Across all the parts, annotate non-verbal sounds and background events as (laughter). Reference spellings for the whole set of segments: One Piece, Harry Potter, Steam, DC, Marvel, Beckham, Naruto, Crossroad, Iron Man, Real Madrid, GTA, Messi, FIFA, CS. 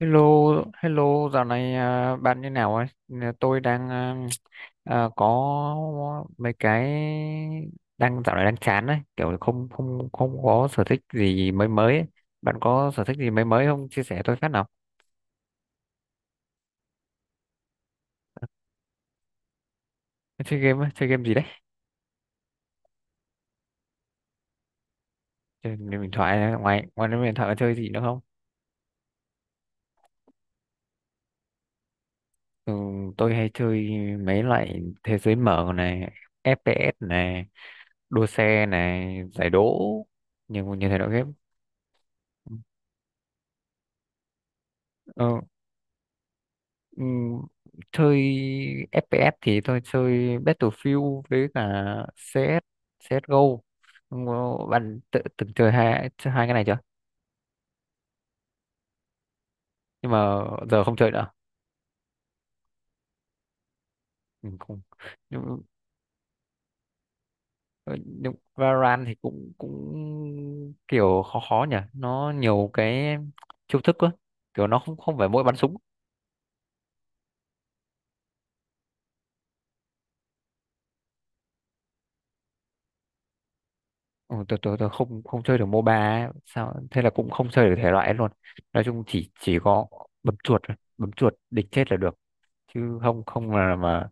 Hello, hello, dạo này à, bạn như nào ấy? Nè, tôi đang có mấy cái đang dạo này đang chán ấy, kiểu không không không có sở thích gì mới mới ấy. Bạn có sở thích gì mới mới không? Chia sẻ tôi phát nào. Chơi game, á, chơi game gì đấy? Chơi game điện thoại, ngoài ngoài game điện thoại có chơi gì nữa không? Ừ, tôi hay chơi mấy loại thế giới mở này, FPS này, đua xe này, giải đố, nhiều nhiều thể loại game. Ừ, Ừm, chơi FPS thì tôi chơi Battlefield với cả CS CSGO. Không có- bạn từng chơi hai cái này chưa, nhưng mà giờ không chơi nữa. Ừ, không. Nhưng, ờ, nhưng Valorant thì cũng cũng kiểu khó khó nhỉ, nó nhiều cái chiêu thức quá, kiểu nó không không phải mỗi bắn súng. Ừ, tôi không không chơi được MOBA ấy. Sao thế là cũng không chơi được thể loại ấy luôn, nói chung chỉ có bấm chuột thôi. Bấm chuột địch chết là được, chứ không không là mà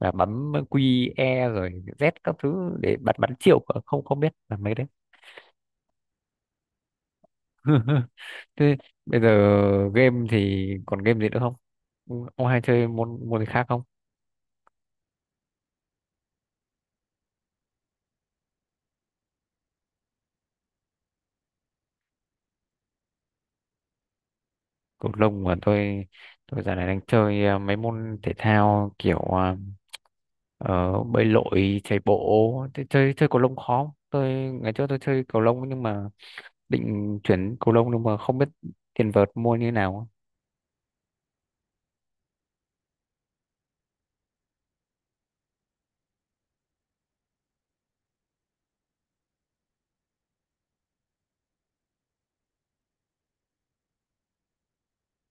là bấm Q E rồi Z các thứ để bắn bắn triệu cơ, không không biết là mấy đấy. (laughs) Thế bây giờ game thì còn game gì nữa không? Ừ, ông hay chơi môn môn gì khác không? Cầu lông mà tôi giờ này đang chơi mấy môn thể thao kiểu bơi lội, chạy bộ. Thế chơi chơi cầu lông khó không? Tôi ngày trước tôi chơi cầu lông nhưng mà định chuyển cầu lông, nhưng mà không biết tiền vợt mua như thế nào.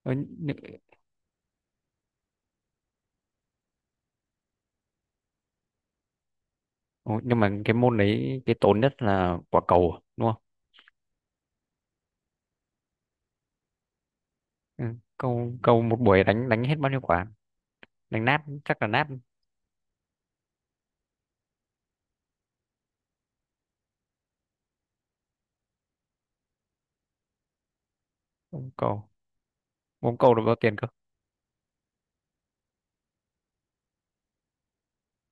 Ờ, nhưng mà cái môn đấy cái tốn nhất là quả cầu đúng không? Ừ. cầu cầu một buổi đánh đánh hết bao nhiêu quả? Đánh nát chắc là nát. Bóng cầu bóng cầu được bao tiền cơ?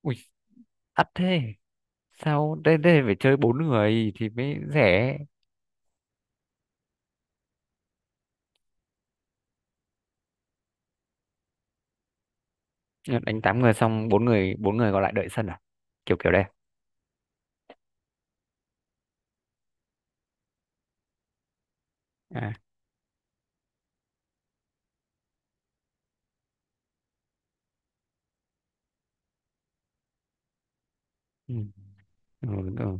Ui, ắt thế, sao đây đây phải chơi bốn người thì mới rẻ. Đánh tám người xong bốn người còn lại đợi sân à? Kiểu kiểu đây. À, ừ. Ừ, ừ.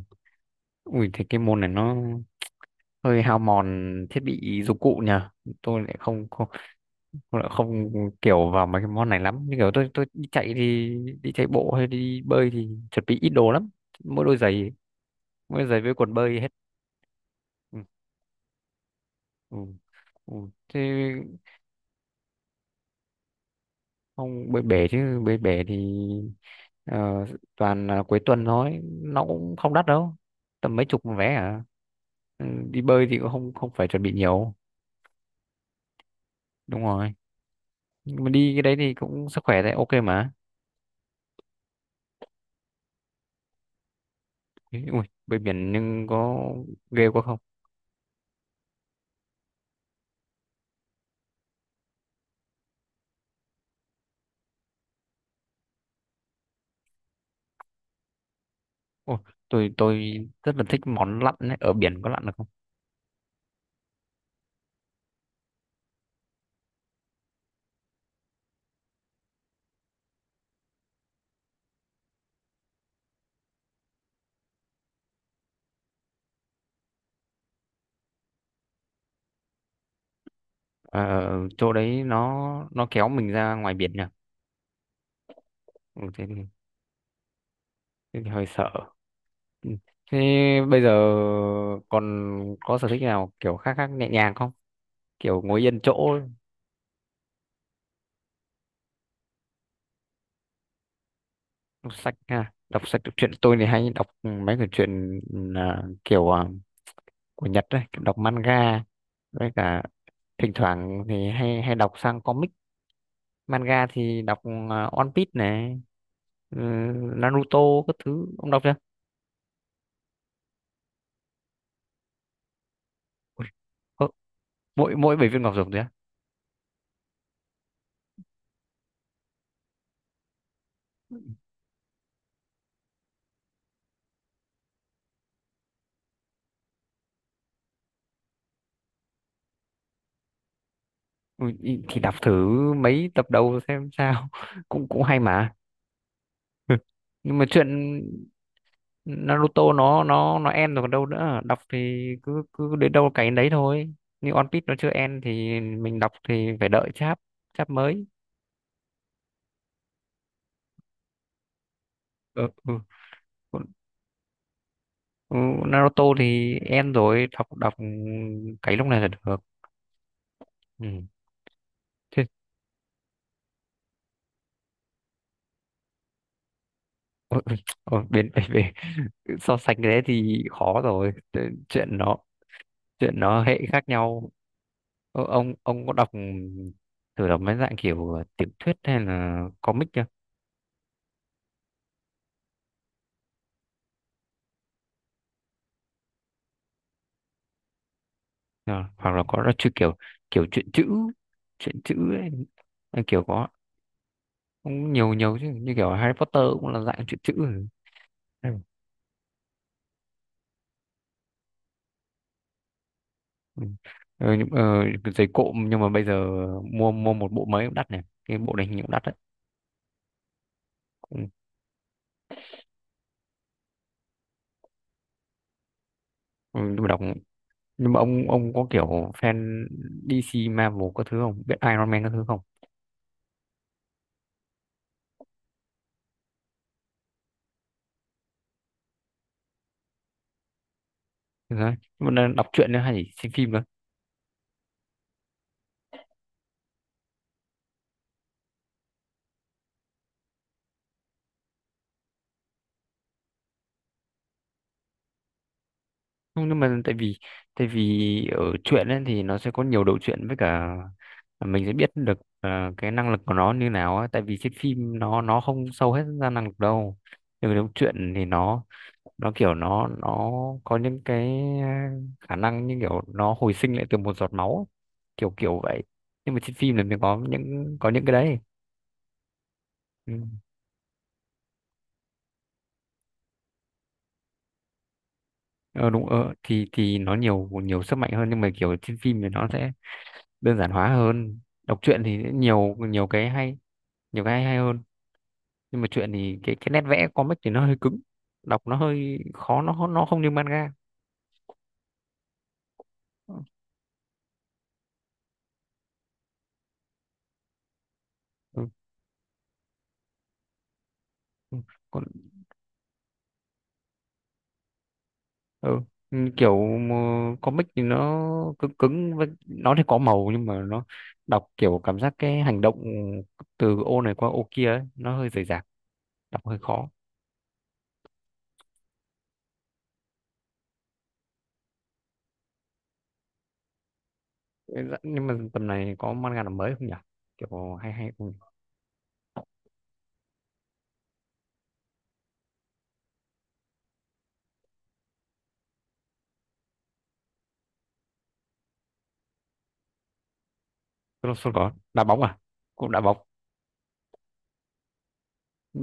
Ui thế cái môn này nó hơi hao mòn thiết bị dụng cụ nhờ. Tôi lại không không tôi lại không kiểu vào mấy cái môn này lắm, như kiểu tôi đi chạy thì đi chạy bộ hay đi bơi thì chuẩn bị ít đồ lắm, mỗi đôi giày mỗi đôi giày với quần bơi hết. Ừ, ừ, ừ. Thế không, bơi bể, chứ bơi bể thì ờ, toàn là cuối tuần thôi, nó cũng không đắt đâu, tầm mấy chục một vé à. Ừ, đi bơi thì cũng không không phải chuẩn bị nhiều. Đúng rồi. Nhưng mà đi cái đấy thì cũng sức khỏe đấy, ok mà. Ý, ui bơi biển nhưng có ghê quá không? Ôi, tôi rất là thích món lặn ấy. Ở biển có lặn được không? Ờ, chỗ đấy nó kéo mình ra ngoài biển nhỉ. Ừ, thế thì hơi sợ. Ừ. Thế bây giờ còn có sở thích nào kiểu khác khác nhẹ nhàng không? Kiểu ngồi yên chỗ. Đọc sách ha, đọc sách đọc truyện, tôi thì hay đọc mấy cái truyện kiểu của Nhật đấy, kiểu đọc manga với cả thỉnh thoảng thì hay hay đọc sang comic. Manga thì đọc One Piece này, ừ, Naruto các thứ ông đọc chưa? Ui, có- mỗi mỗi bảy viên ngọc rồng thôi á? Ui, thì đọc thử mấy tập đầu xem sao. (laughs) cũng cũng hay mà. (laughs) Nhưng mà chuyện Naruto nó end rồi còn đâu nữa, đọc thì cứ cứ đến đâu cái đấy thôi. Như One Piece nó chưa end thì mình đọc thì phải đợi chap chap mới. Ừ, ừ. Ừ, Naruto thì end rồi, đọc đọc cái lúc này là được. Ừ. Thế, ờ, bên (laughs) về so sánh cái đấy thì khó rồi. Chuyện nó hệ khác nhau. Ờ, ông có đọc mấy dạng kiểu tiểu thuyết hay là comic chưa? Ờ, hoặc là có chưa kiểu, truyện chữ, truyện chữ ấy. Ờ, kiểu có cũng nhiều nhiều chứ, như kiểu Harry Potter cũng là dạng truyện chữ. Ừ. Ờ, giày cộm nhưng mà bây giờ mua mua một bộ mới cũng đắt này, cái bộ này hình như cũng đắt đấy. Ừ. Ừ, nhưng mà ông có kiểu fan DC Marvel các thứ không, biết Iron Man các thứ không? Ừ, đấy, nhưng mà đang đọc truyện nữa hay chỉ xem phim? Không, nhưng mà tại vì ở truyện ấy thì nó sẽ có nhiều đầu truyện, với cả mình sẽ biết được cái năng lực của nó như nào á. Tại vì trên phim nó không sâu hết ra năng lực đâu, nhưng mà trong truyện thì nó kiểu nó có những cái khả năng như kiểu nó hồi sinh lại từ một giọt máu ấy. Kiểu kiểu vậy, nhưng mà trên phim là mình có những cái đấy. Ừ. ờ, đúng. Ờ, thì nó nhiều nhiều sức mạnh hơn, nhưng mà kiểu trên phim thì nó sẽ đơn giản hóa hơn. Đọc truyện thì nhiều nhiều cái hay, hay hơn. Nhưng mà truyện thì cái nét vẽ comic thì nó hơi cứng, đọc nó hơi khó, nó không như manga. Ừ. Ừ, còn. Ừ. Ừ, kiểu mà comic thì nó cứng cứng với nó thì có màu, nhưng mà nó đọc kiểu cảm giác cái hành động từ ô này qua ô kia ấy, nó hơi rời rạc, đọc hơi khó. Ừ, dạ, nhưng mà tầm này có manga nào mới không nhỉ, kiểu hay hay không? Crossroad có đá bóng à? Cũng đá bóng. Ừ,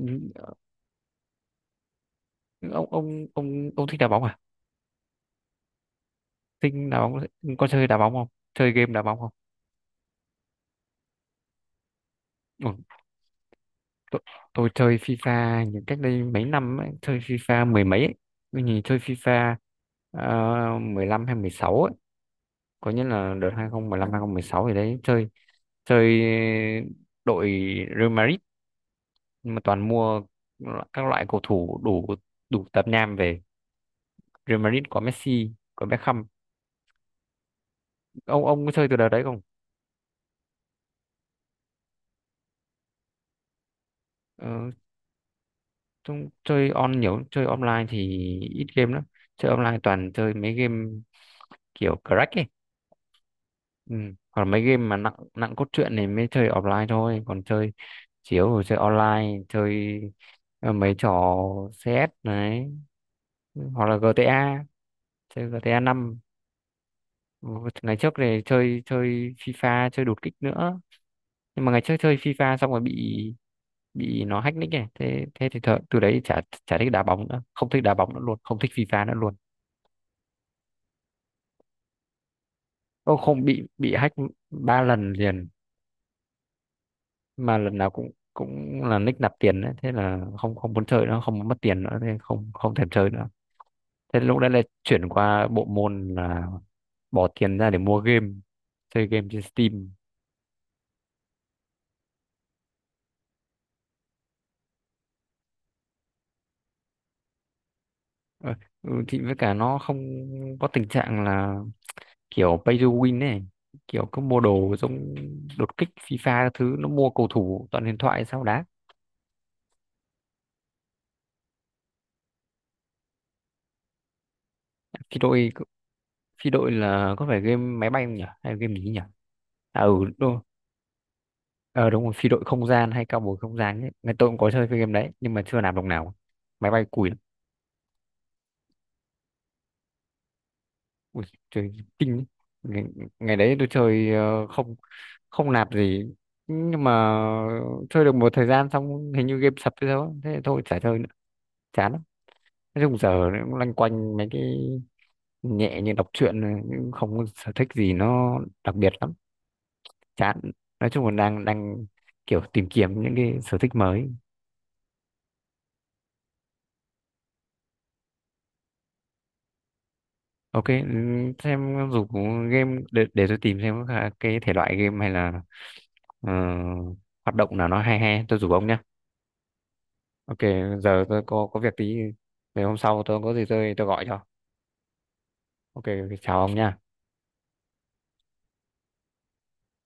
ông thích đá bóng à? Thích đá bóng, có chơi đá bóng không, chơi game đá bóng không? Ừ, tôi, tôi chơi FIFA những cách đây mấy năm ấy, chơi FIFA mười mấy ấy. Tôi nhìn chơi FIFA 15 hay 16 ấy, có nghĩa là đợt 2015 sáu thì đấy chơi chơi đội Real Madrid. Nhưng mà toàn mua các loại cầu thủ đủ đủ tạp nham về. Real Madrid có Messi, có Beckham. Ông có chơi từ đợt đấy không? Ờ, chúng chơi nhiều, chơi online thì ít game lắm, chơi online toàn chơi mấy game kiểu crack ấy. Ừ. Còn mấy game mà nặng nặng cốt truyện thì mới chơi offline thôi, còn chơi chiếu rồi chơi online chơi mấy trò CS đấy, hoặc là GTA chơi GTA 5. Ngày trước này chơi chơi FIFA, chơi đột kích nữa. Nhưng mà ngày trước chơi FIFA xong rồi bị nó hack nick này, thế thế thì từ đấy chả chả thích đá bóng nữa, không thích đá bóng nữa luôn, không thích FIFA nữa luôn. Ô không, bị hack ba lần liền. Mà lần nào cũng cũng là nick nạp tiền đấy, thế là không không muốn chơi nữa, không muốn mất tiền nữa. Thế không không thèm chơi nữa. Thế lúc đấy là chuyển qua bộ môn là bỏ tiền ra để mua game, chơi game trên Steam. Ờ, ừ, thì với cả nó không có tình trạng là kiểu pay to win này, kiểu cứ mua đồ giống đột kích, FIFA các thứ nó mua cầu thủ toàn huyền thoại sao đá. phi đội phi đội là có phải game máy bay không nhỉ, hay game gì nhỉ? À, ừ, đúng, ờ, đúng rồi, phi đội không gian hay cao bồi không gian ấy, ngày tôi cũng có chơi cái game đấy nhưng mà chưa làm đồng nào. Máy bay cùi lắm. Ui, chơi kinh ấy. ngày, ngày đấy tôi chơi không không nạp gì, nhưng mà chơi được một thời gian xong hình như game sập hay sao á. Thế thì thôi chả chơi nữa, chán lắm. Nói chung giờ cũng loanh quanh mấy cái nhẹ như đọc truyện này, nhưng không có sở thích gì nó đặc biệt lắm. Chán. Nói chung là đang đang kiểu tìm kiếm những cái sở thích mới. Ok, ừ, xem dù có game để tôi tìm xem có cái thể loại game hay là ờ, hoạt động nào nó hay hay, tôi rủ ông nhá. Ok, giờ tôi có việc tí, về hôm sau tôi có gì tôi gọi cho. Ok, ok, ok. Chào ông nha.